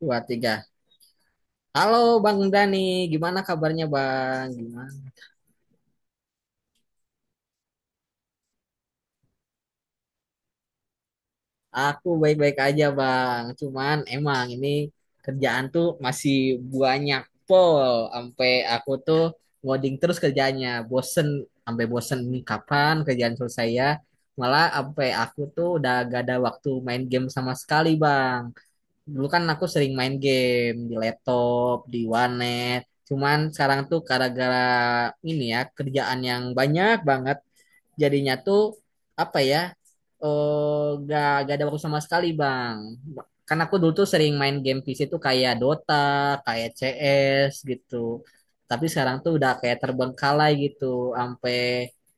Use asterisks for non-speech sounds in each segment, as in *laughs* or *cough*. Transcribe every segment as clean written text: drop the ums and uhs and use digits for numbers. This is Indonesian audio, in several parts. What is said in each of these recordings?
Dua, tiga. Halo Bang Dani, gimana kabarnya, Bang? Gimana? Aku baik-baik aja, Bang, cuman emang ini kerjaan tuh masih banyak pol, sampai aku tuh ngoding terus kerjanya, bosen, sampai bosen ini kapan kerjaan selesai, ya? Malah sampai aku tuh udah gak ada waktu main game sama sekali, Bang. Dulu kan aku sering main game di laptop, di warnet, cuman sekarang tuh gara-gara ini ya kerjaan yang banyak banget jadinya tuh apa ya, gak ada waktu sama sekali, bang, karena aku dulu tuh sering main game PC tuh kayak Dota, kayak CS gitu, tapi sekarang tuh udah kayak terbengkalai gitu sampai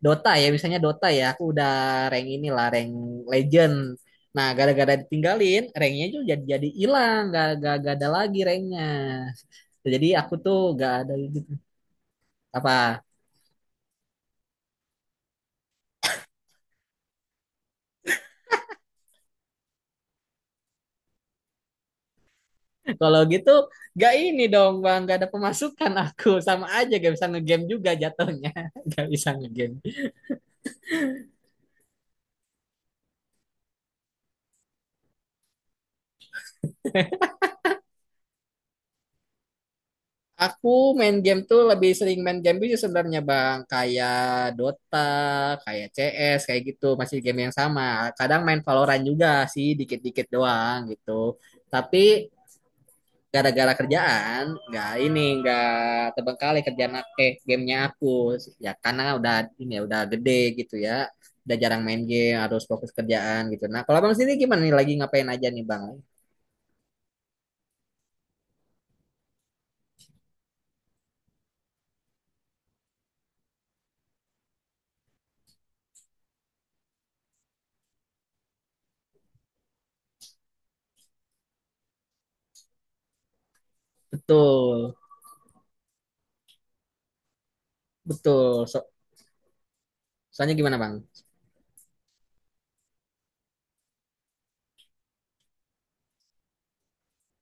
Dota, ya misalnya Dota ya aku udah rank inilah, rank legend. Nah, gara-gara ditinggalin ranknya juga jadi hilang, gak ada lagi ranknya. Jadi aku tuh gak ada gitu. Apa? Kalau gitu gak ini dong, bang, gak ada pemasukan aku. Sama aja gak bisa ngegame juga jatuhnya. *laughs* Gak bisa ngegame. Aku main game tuh lebih sering main game itu sebenarnya, bang. Kayak Dota, kayak CS, kayak gitu. Masih game yang sama. Kadang main Valorant juga sih, dikit-dikit doang gitu. Tapi gara-gara kerjaan nggak ini nggak terbengkalai, kerjaan game, gamenya aku, ya karena udah ini ya udah gede gitu ya, udah jarang main game, harus fokus kerjaan gitu. Nah, kalau bang sini gimana nih, lagi ngapain aja nih, bang? Betul, betul, so, soalnya gimana, bang?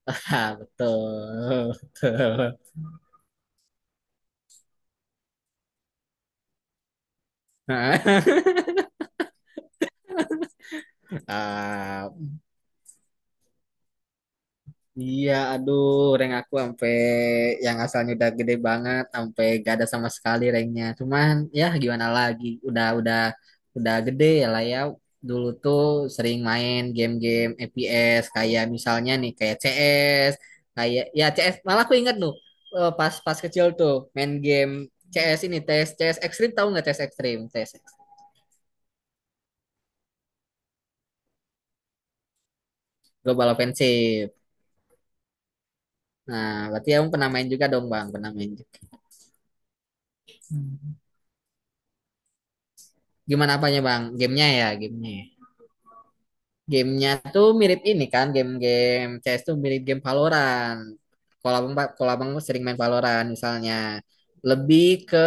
*laughs* Ah, betul, betul. *laughs* Ah, iya, aduh, rank aku sampai yang asalnya udah gede banget, sampai gak ada sama sekali ranknya. Cuman ya gimana lagi, udah gede ya lah ya. Dulu tuh sering main game-game FPS kayak misalnya nih kayak CS, kayak ya CS. Malah aku ingat tuh, eh, pas pas kecil tuh main game CS, ini CS CS Extreme. Tahu nggak CS Extreme? CS Global Offensive. Nah, berarti kamu pernah main juga dong, Bang. Pernah main juga. Gimana apanya, Bang? Gamenya ya, gamenya. Ya. Gamenya tuh mirip ini kan, game-game CS tuh mirip game Valorant. Kalau abang sering main Valorant misalnya, lebih ke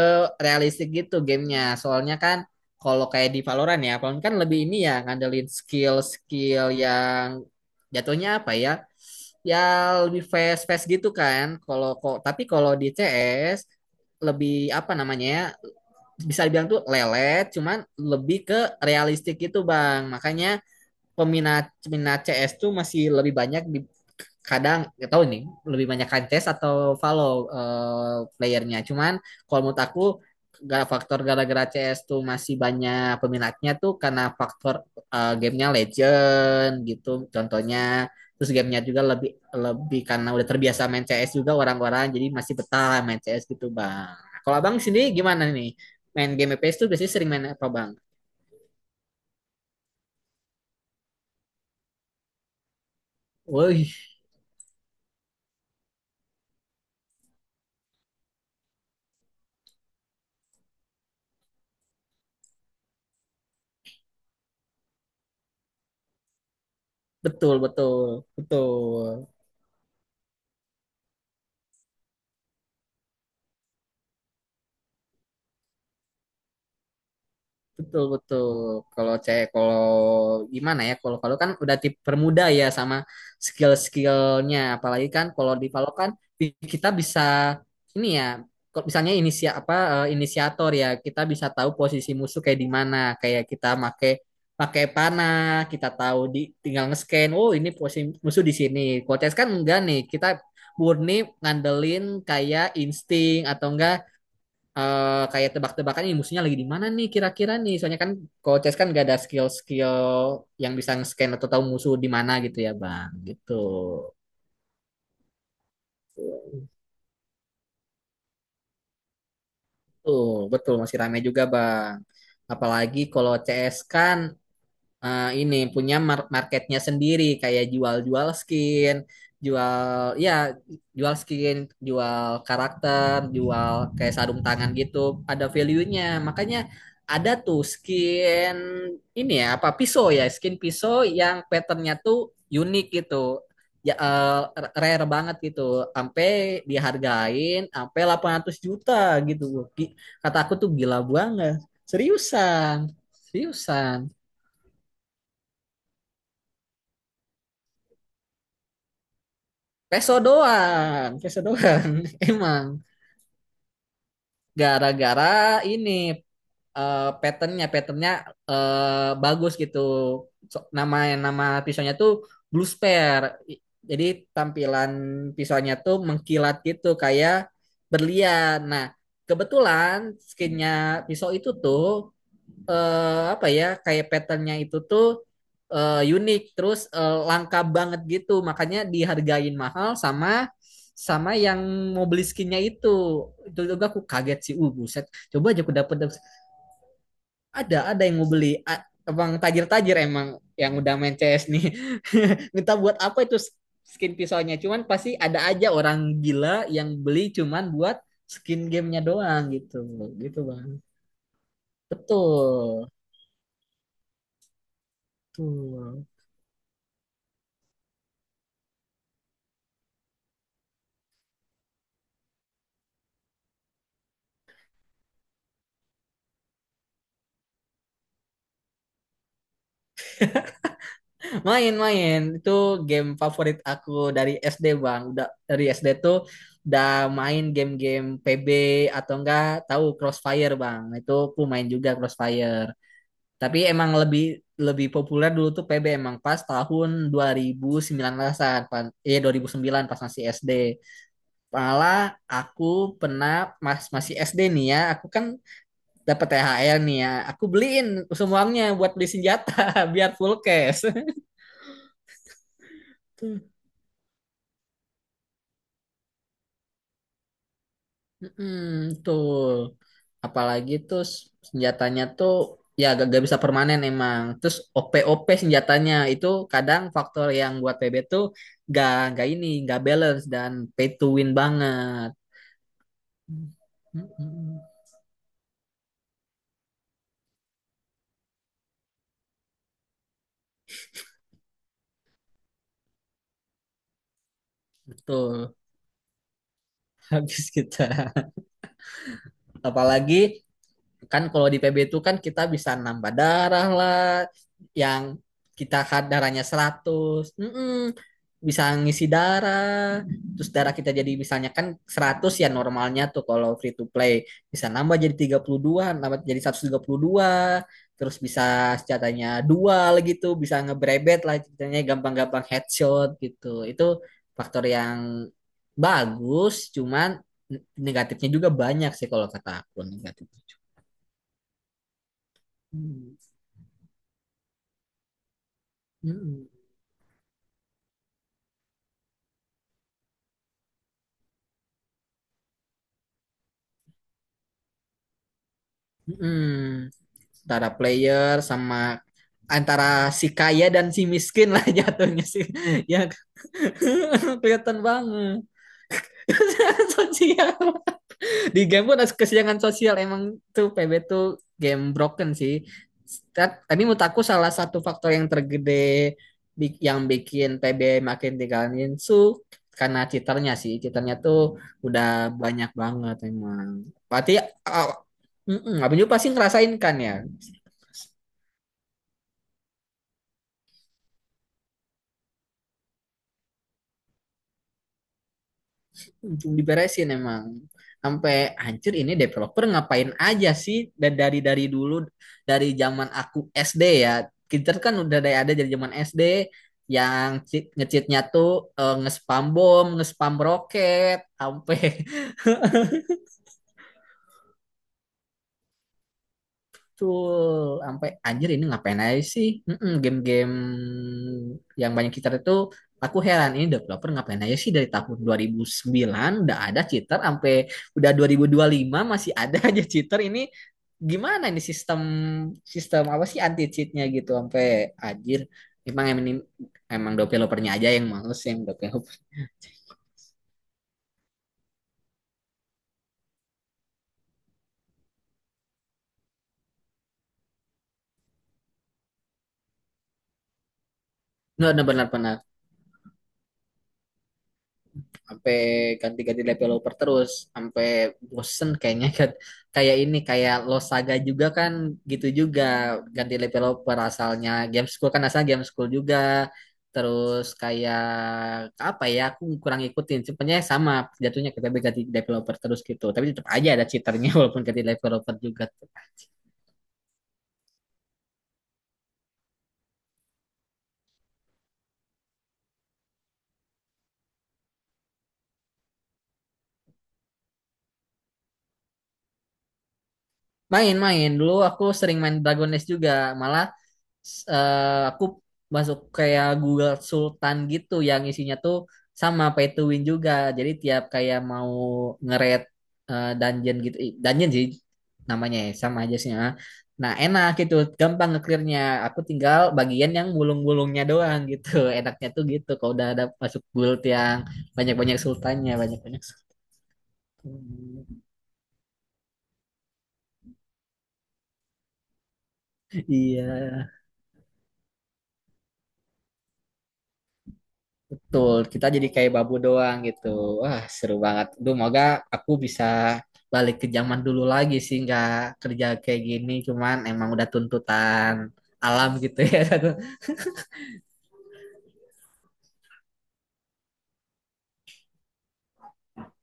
realistik gitu gamenya. Soalnya kan kalau kayak di Valorant, ya, Valorant kan lebih ini ya ngandelin skill-skill yang jatuhnya apa ya? Ya, lebih fast-fast gitu kan. Kalau kok tapi kalau di CS lebih apa namanya ya, bisa dibilang tuh lelet cuman lebih ke realistik gitu, bang. Makanya peminat peminat CS tuh masih lebih banyak di kadang nggak tahu nih lebih banyak kan CS atau follow, playernya. Cuman kalau menurut aku faktor gara-gara CS tuh masih banyak peminatnya tuh karena faktor, gamenya legend gitu contohnya, terus gamenya juga lebih lebih karena udah terbiasa main CS juga orang-orang jadi masih betah main CS gitu, bang. Kalau abang sendiri gimana nih, main game FPS tuh biasanya sering main apa, bang? Wih, betul, betul, betul. Betul, betul. Kalau cewek, kalau gimana ya? Kalau kalau kan udah tip permuda ya, sama skill-skillnya. Apalagi kan kalau di Valo kan kita bisa ini ya. Kalau misalnya inisiator ya, kita bisa tahu posisi musuh kayak di mana. Kayak kita, pakai panah, kita tahu di, tinggal nge-scan. Oh, ini posisi musuh di sini. Kalau CS kan enggak nih. Kita murni ngandelin kayak insting atau enggak, kayak tebak-tebakan, ini musuhnya lagi di mana nih kira-kira nih. Soalnya kan kalau chess kan gak ada skill-skill yang bisa nge-scan atau tahu musuh di mana gitu ya, Bang. Gitu. Tuh, betul masih ramai juga, Bang. Apalagi kalau CS kan, ini punya marketnya sendiri kayak jual-jual skin, jual ya jual skin, jual karakter, jual kayak sarung tangan gitu, ada value-nya. Makanya ada tuh skin ini ya apa pisau ya, skin pisau yang patternnya tuh unik gitu. Ya, rare banget gitu, sampai dihargain sampai 800 juta gitu. Kata aku tuh gila banget. Seriusan, seriusan. Peso doang, peso doang. *laughs* Emang gara-gara ini patternnya, bagus gitu. Nama nama pisaunya tuh blue spare. I- Jadi tampilan pisaunya tuh mengkilat gitu kayak berlian. Nah, kebetulan skinnya pisau itu tuh, apa ya, kayak patternnya itu tuh, unik, terus langka banget gitu, makanya dihargain mahal sama sama yang mau beli skinnya itu. Itu juga aku kaget sih, buset. Coba aja aku dapet dapet. Ada yang mau beli, abang tajir-tajir emang yang udah main CS nih. *laughs* Minta buat apa itu skin pisaunya cuman pasti ada aja orang gila yang beli cuman buat skin gamenya doang gitu gitu bang. Betul, betul. Main-main itu game favorit aku dari SD, Bang. Udah dari SD tuh udah main game-game PB atau enggak tahu Crossfire, Bang. Itu aku main juga Crossfire. Tapi emang lebih lebih populer dulu tuh PB emang pas tahun 2019-an, 2009 pas masih SD. Malah aku pernah masih SD nih ya, aku kan dapat THR nih ya. Aku beliin semuanya buat beli senjata *laughs* biar full cash. *laughs* Mm-mm, tuh. Apalagi tuh senjatanya tuh ya gak bisa permanen emang. Terus OP-OP senjatanya itu kadang faktor yang buat PB tuh gak, gak balance dan pay to win banget. Mm-mm. Betul. *laughs* Habis kita. Apalagi kan kalau di PB itu kan kita bisa nambah darah lah yang kita, darahnya 100. Mm-mm. Bisa ngisi darah, terus darah kita jadi misalnya kan 100 ya normalnya tuh, kalau free to play bisa nambah jadi 32, nambah jadi 132, terus bisa senjatanya dual gitu bisa ngebrebet lah ceritanya, gampang-gampang headshot gitu. Itu faktor yang bagus, cuman negatifnya juga banyak sih, kalau kata aku negatifnya. Hmm. Mm-mm. Mm-mm. Antara player sama antara si kaya dan si miskin lah jatuhnya sih. *laughs* Ya, *laughs* kelihatan banget. *laughs* Sosial. *laughs* Di game pun ada kesenjangan sosial, emang tuh PB tuh game broken sih. Tapi menurut aku salah satu faktor yang tergede, yang bikin PB makin tinggalin, karena cheaternya sih, cheaternya tuh udah banyak banget emang berarti, mm-mm. Abang juga pasti ngerasain kan, ya? Belum diberesin emang, sampai hancur. Ini developer ngapain aja sih, dan dari dulu, dari zaman aku SD, ya. Kita kan udah dari, ada dari zaman SD yang nge-cheatnya tuh, nge-spam bom, nge-spam roket sampai. Betul, sampai anjir ini ngapain aja sih? Mm-mm. Game-game yang banyak cheater itu aku heran ini developer ngapain aja sih dari tahun 2009 udah ada cheater sampai udah 2025 masih ada *laughs* aja cheater ini. Gimana ini sistem sistem apa sih anti cheatnya gitu sampai anjir, emang emang emang developernya aja yang males yang developer. Nggak benar-benar sampai ganti-ganti developer terus sampai bosen kayaknya kayak ini kayak Lost Saga juga kan gitu juga ganti developer, asalnya game school kan asalnya game school juga, terus kayak apa ya, aku kurang ikutin sebenarnya. Sama jatuhnya kita ganti developer terus gitu tapi tetap aja ada cheaternya, *laughs* walaupun ganti developer juga tetap aja. Main-main dulu aku sering main Dragon Age juga, malah aku masuk kayak Google Sultan gitu yang isinya tuh sama pay to win juga. Jadi tiap kayak mau nge-raid, dungeon gitu, ih, dungeon sih namanya ya, sama aja sih. Ah. Nah, enak gitu, gampang nge-clearnya. Aku tinggal bagian yang bulung-bulungnya doang gitu. *laughs* Enaknya tuh gitu, kalau udah ada masuk guild yang banyak-banyak sultannya, banyak-banyak sultan. *laughs* Iya. Betul, kita jadi kayak babu doang gitu. Wah, seru banget. Duh, moga aku bisa balik ke zaman dulu lagi sih, nggak kerja kayak gini. Cuman emang udah tuntutan alam gitu ya. *laughs*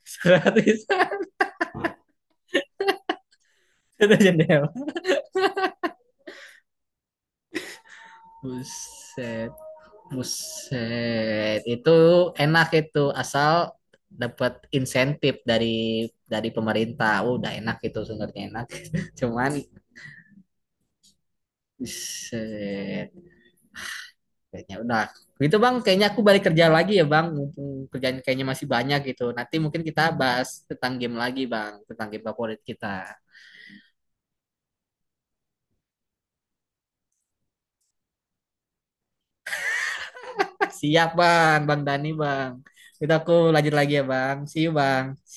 Satu, satu, bisa satu *laughs* jendela. Buset, buset. Itu enak itu, asal dapat insentif dari pemerintah. Oh, udah enak itu, sebenarnya enak. *laughs* Cuman, buset. Kayaknya udah. Gitu, Bang, kayaknya aku balik kerja lagi ya, Bang. Mumpung kerjaan kayaknya masih banyak gitu. Nanti mungkin kita bahas tentang game lagi, Bang, tentang game favorit kita. *laughs* Siap, Bang, Bang Dani, Bang. Kita aku lanjut lagi ya, Bang. See you, Bang.